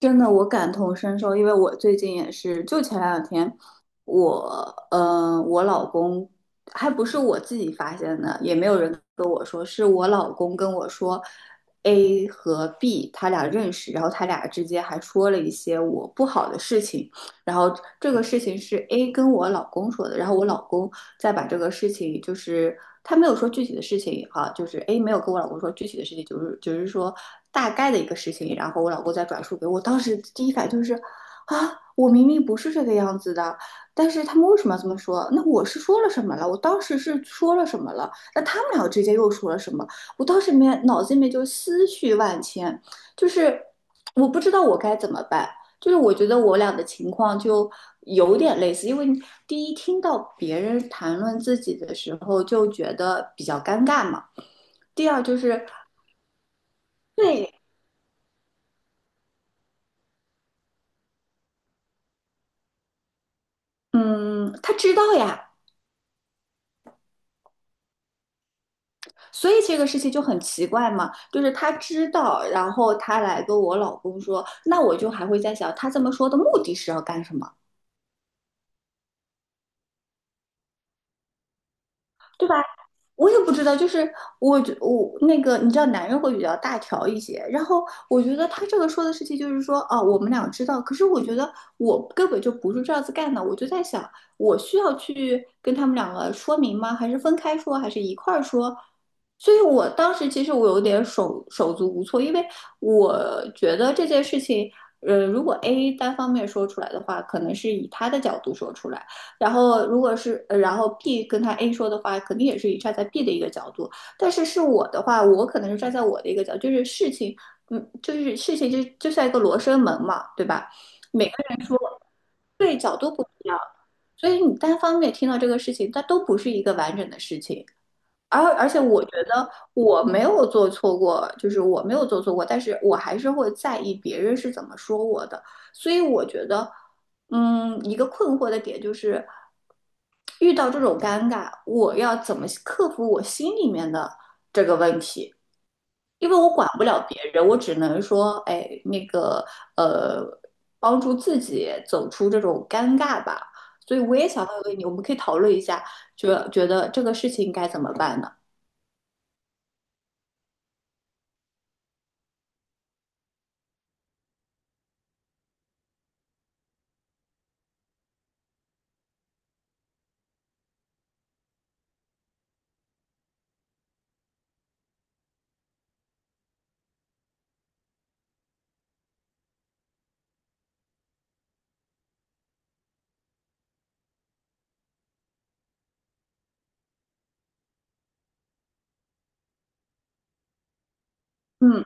真的，我感同身受，因为我最近也是，就前两天，我，我老公还不是我自己发现的，也没有人跟我说，是我老公跟我说，A 和 B 他俩认识，然后他俩之间还说了一些我不好的事情，然后这个事情是 A 跟我老公说的，然后我老公再把这个事情，他没有说具体的事情啊，就是 A 没有跟我老公说具体的事情，就是说大概的一个事情，然后我老公再转述给我。当时第一反应就是啊，我明明不是这个样子的，但是他们为什么要这么说？那我是说了什么了？我当时是说了什么了？那他们俩之间又说了什么？我当时里面脑子里面就思绪万千，就是我不知道我该怎么办。就是我觉得我俩的情况就有点类似，因为第一听到别人谈论自己的时候就觉得比较尴尬嘛，第二就是对，嗯，他知道呀，所以这个事情就很奇怪嘛，就是他知道，然后他来跟我老公说，那我就还会在想，他这么说的目的是要干什么？对吧？我也不知道，就是我觉我那个，你知道，男人会比较大条一些。然后我觉得他这个说的事情就是说，哦，我们俩知道，可是我觉得我根本就不是这样子干的。我就在想，我需要去跟他们两个说明吗？还是分开说，还是一块儿说？所以我当时其实我有点手足无措，因为我觉得这件事情，如果 A 单方面说出来的话，可能是以他的角度说出来。然后如果是，然后 B 跟他 A 说的话，肯定也是以站在 B 的一个角度，但是是我的话，我可能是站在我的一个角度就是事情，嗯，就是事情就像一个罗生门嘛，对吧？每个人说对角度不一样，所以你单方面听到这个事情，它都不是一个完整的事情。而且我觉得我没有做错过，就是我没有做错过，但是我还是会在意别人是怎么说我的。所以我觉得，嗯，一个困惑的点就是，遇到这种尴尬，我要怎么克服我心里面的这个问题？因为我管不了别人，我只能说，哎，那个，呃，帮助自己走出这种尴尬吧。所以我也想问问你，我们可以讨论一下，觉得这个事情该怎么办呢？嗯。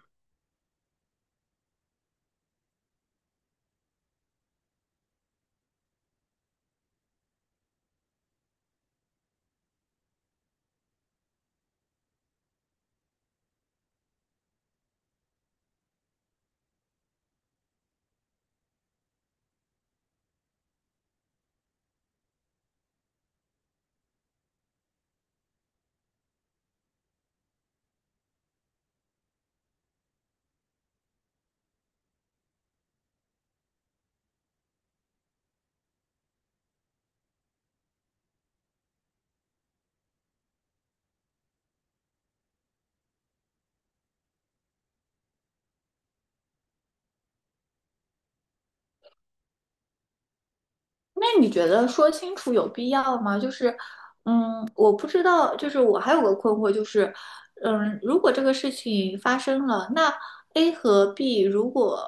那你觉得说清楚有必要吗？就是，嗯，我不知道，就是我还有个困惑，就是，嗯，如果这个事情发生了，那 A 和 B 如果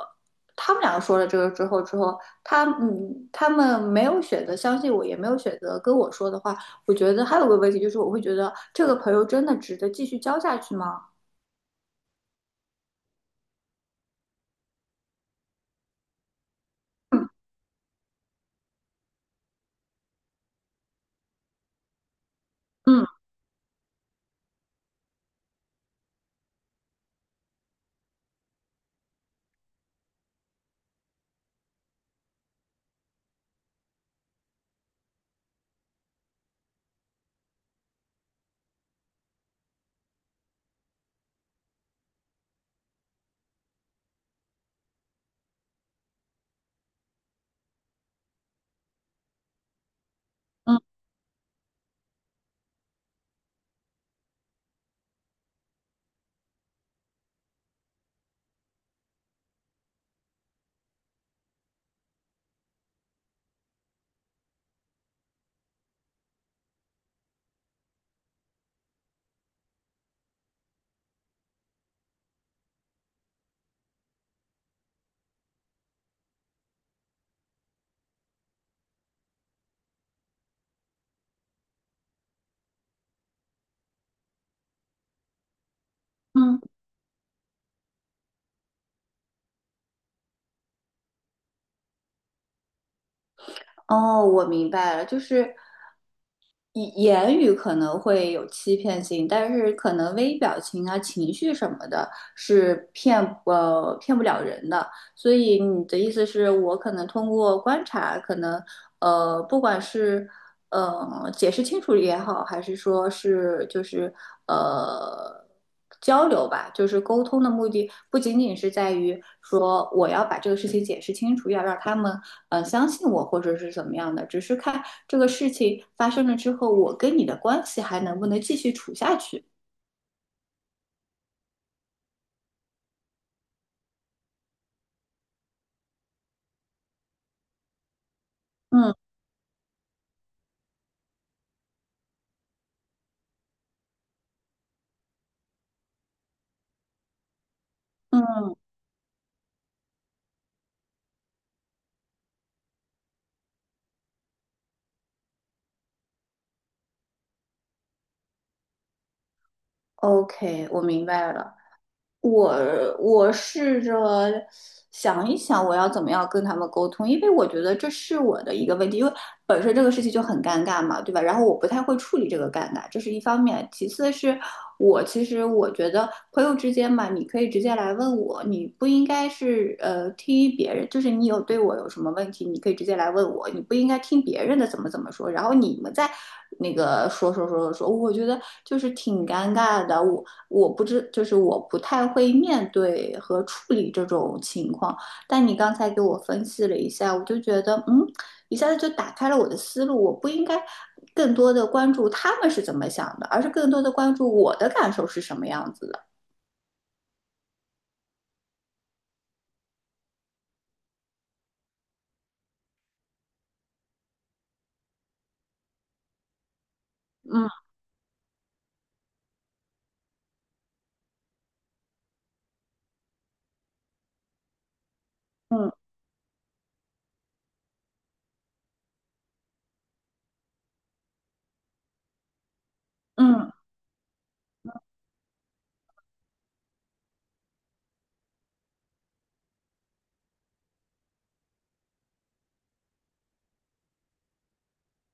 他们两个说了这个之后，之后他嗯，他们没有选择相信我，也没有选择跟我说的话，我觉得还有个问题就是，我会觉得这个朋友真的值得继续交下去吗？嗯嗯嗯，嗯，哦，我明白了，就是以言语可能会有欺骗性，但是可能微表情啊、情绪什么的，是骗不了人的。所以你的意思是我可能通过观察，可能不管是解释清楚也好，还是说是就是呃交流吧，就是沟通的目的不仅仅是在于说我要把这个事情解释清楚，要让他们相信我或者是怎么样的，只是看这个事情发生了之后，我跟你的关系还能不能继续处下去。嗯嗯，OK，我明白了。我我试着想一想，我要怎么样跟他们沟通，因为我觉得这是我的一个问题，因为本身这个事情就很尴尬嘛，对吧？然后我不太会处理这个尴尬，这是一方面。其次是我其实我觉得朋友之间嘛，你可以直接来问我，你不应该是听别人，就是你有对我有什么问题，你可以直接来问我，你不应该听别人的怎么怎么说，然后你们在那个说我觉得就是挺尴尬的。我不知，就是我不太会面对和处理这种情况。但你刚才给我分析了一下，我就觉得，嗯，一下子就打开了我的思路。我不应该更多的关注他们是怎么想的，而是更多的关注我的感受是什么样子的。嗯嗯嗯，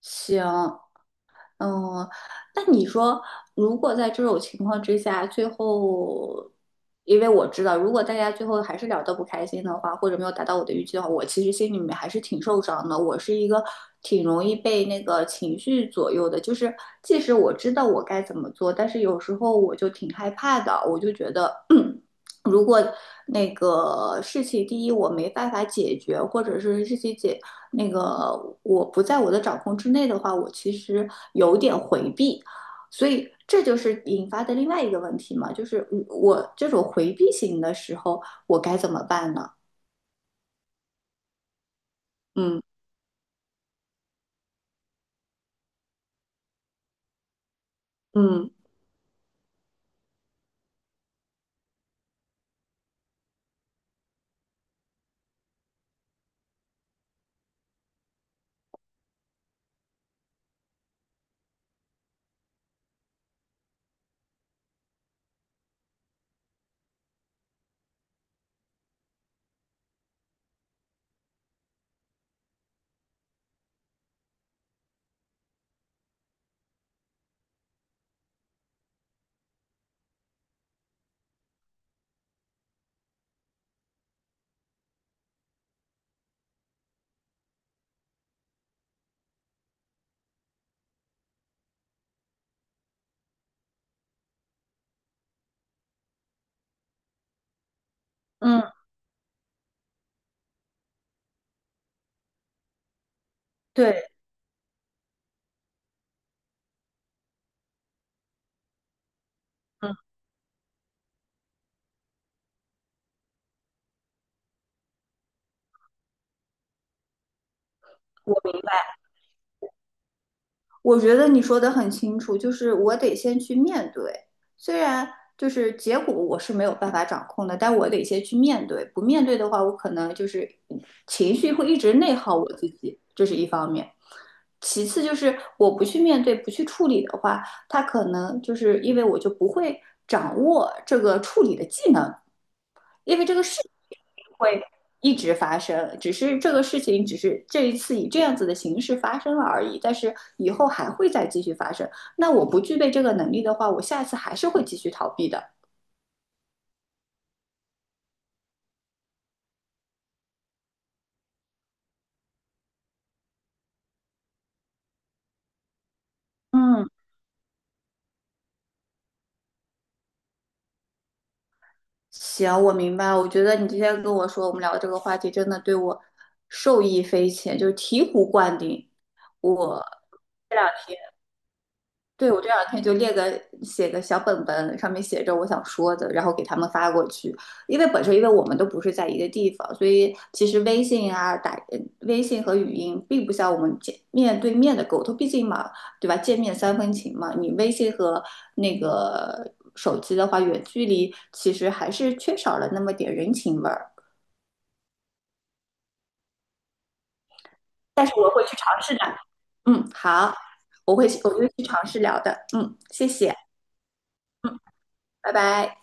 行。嗯，那你说，如果在这种情况之下，最后，因为我知道，如果大家最后还是聊得不开心的话，或者没有达到我的预期的话，我其实心里面还是挺受伤的。我是一个挺容易被那个情绪左右的，就是即使我知道我该怎么做，但是有时候我就挺害怕的，我就觉得。如果那个事情第一我没办法解决，或者是事情解那个我不在我的掌控之内的话，我其实有点回避，所以这就是引发的另外一个问题嘛，就是我这种回避型的时候，我该怎么办呢？嗯嗯嗯，对，嗯，我明白。我觉得你说的很清楚，就是我得先去面对，虽然就是结果我是没有办法掌控的，但我得先去面对。不面对的话，我可能就是情绪会一直内耗我自己，这是一方面。其次就是我不去面对、不去处理的话，他可能就是因为我就不会掌握这个处理的技能，因为这个事情会一直发生，只是这个事情只是这一次以这样子的形式发生了而已，但是以后还会再继续发生。那我不具备这个能力的话，我下一次还是会继续逃避的。嗯，行，我明白。我觉得你今天跟我说我们聊这个话题，真的对我受益匪浅，就是醍醐灌顶。我这两天。对，我这两天就列个写个小本本，上面写着我想说的，然后给他们发过去。因为本身因为我们都不是在一个地方，所以其实微信和语音并不像我们见面对面的沟通，毕竟嘛，对吧？见面三分情嘛，你微信和那个手机的话，远距离其实还是缺少了那么点人情味儿。但是我会去尝试的，嗯，好，我会去尝试聊的，嗯，谢谢，拜拜。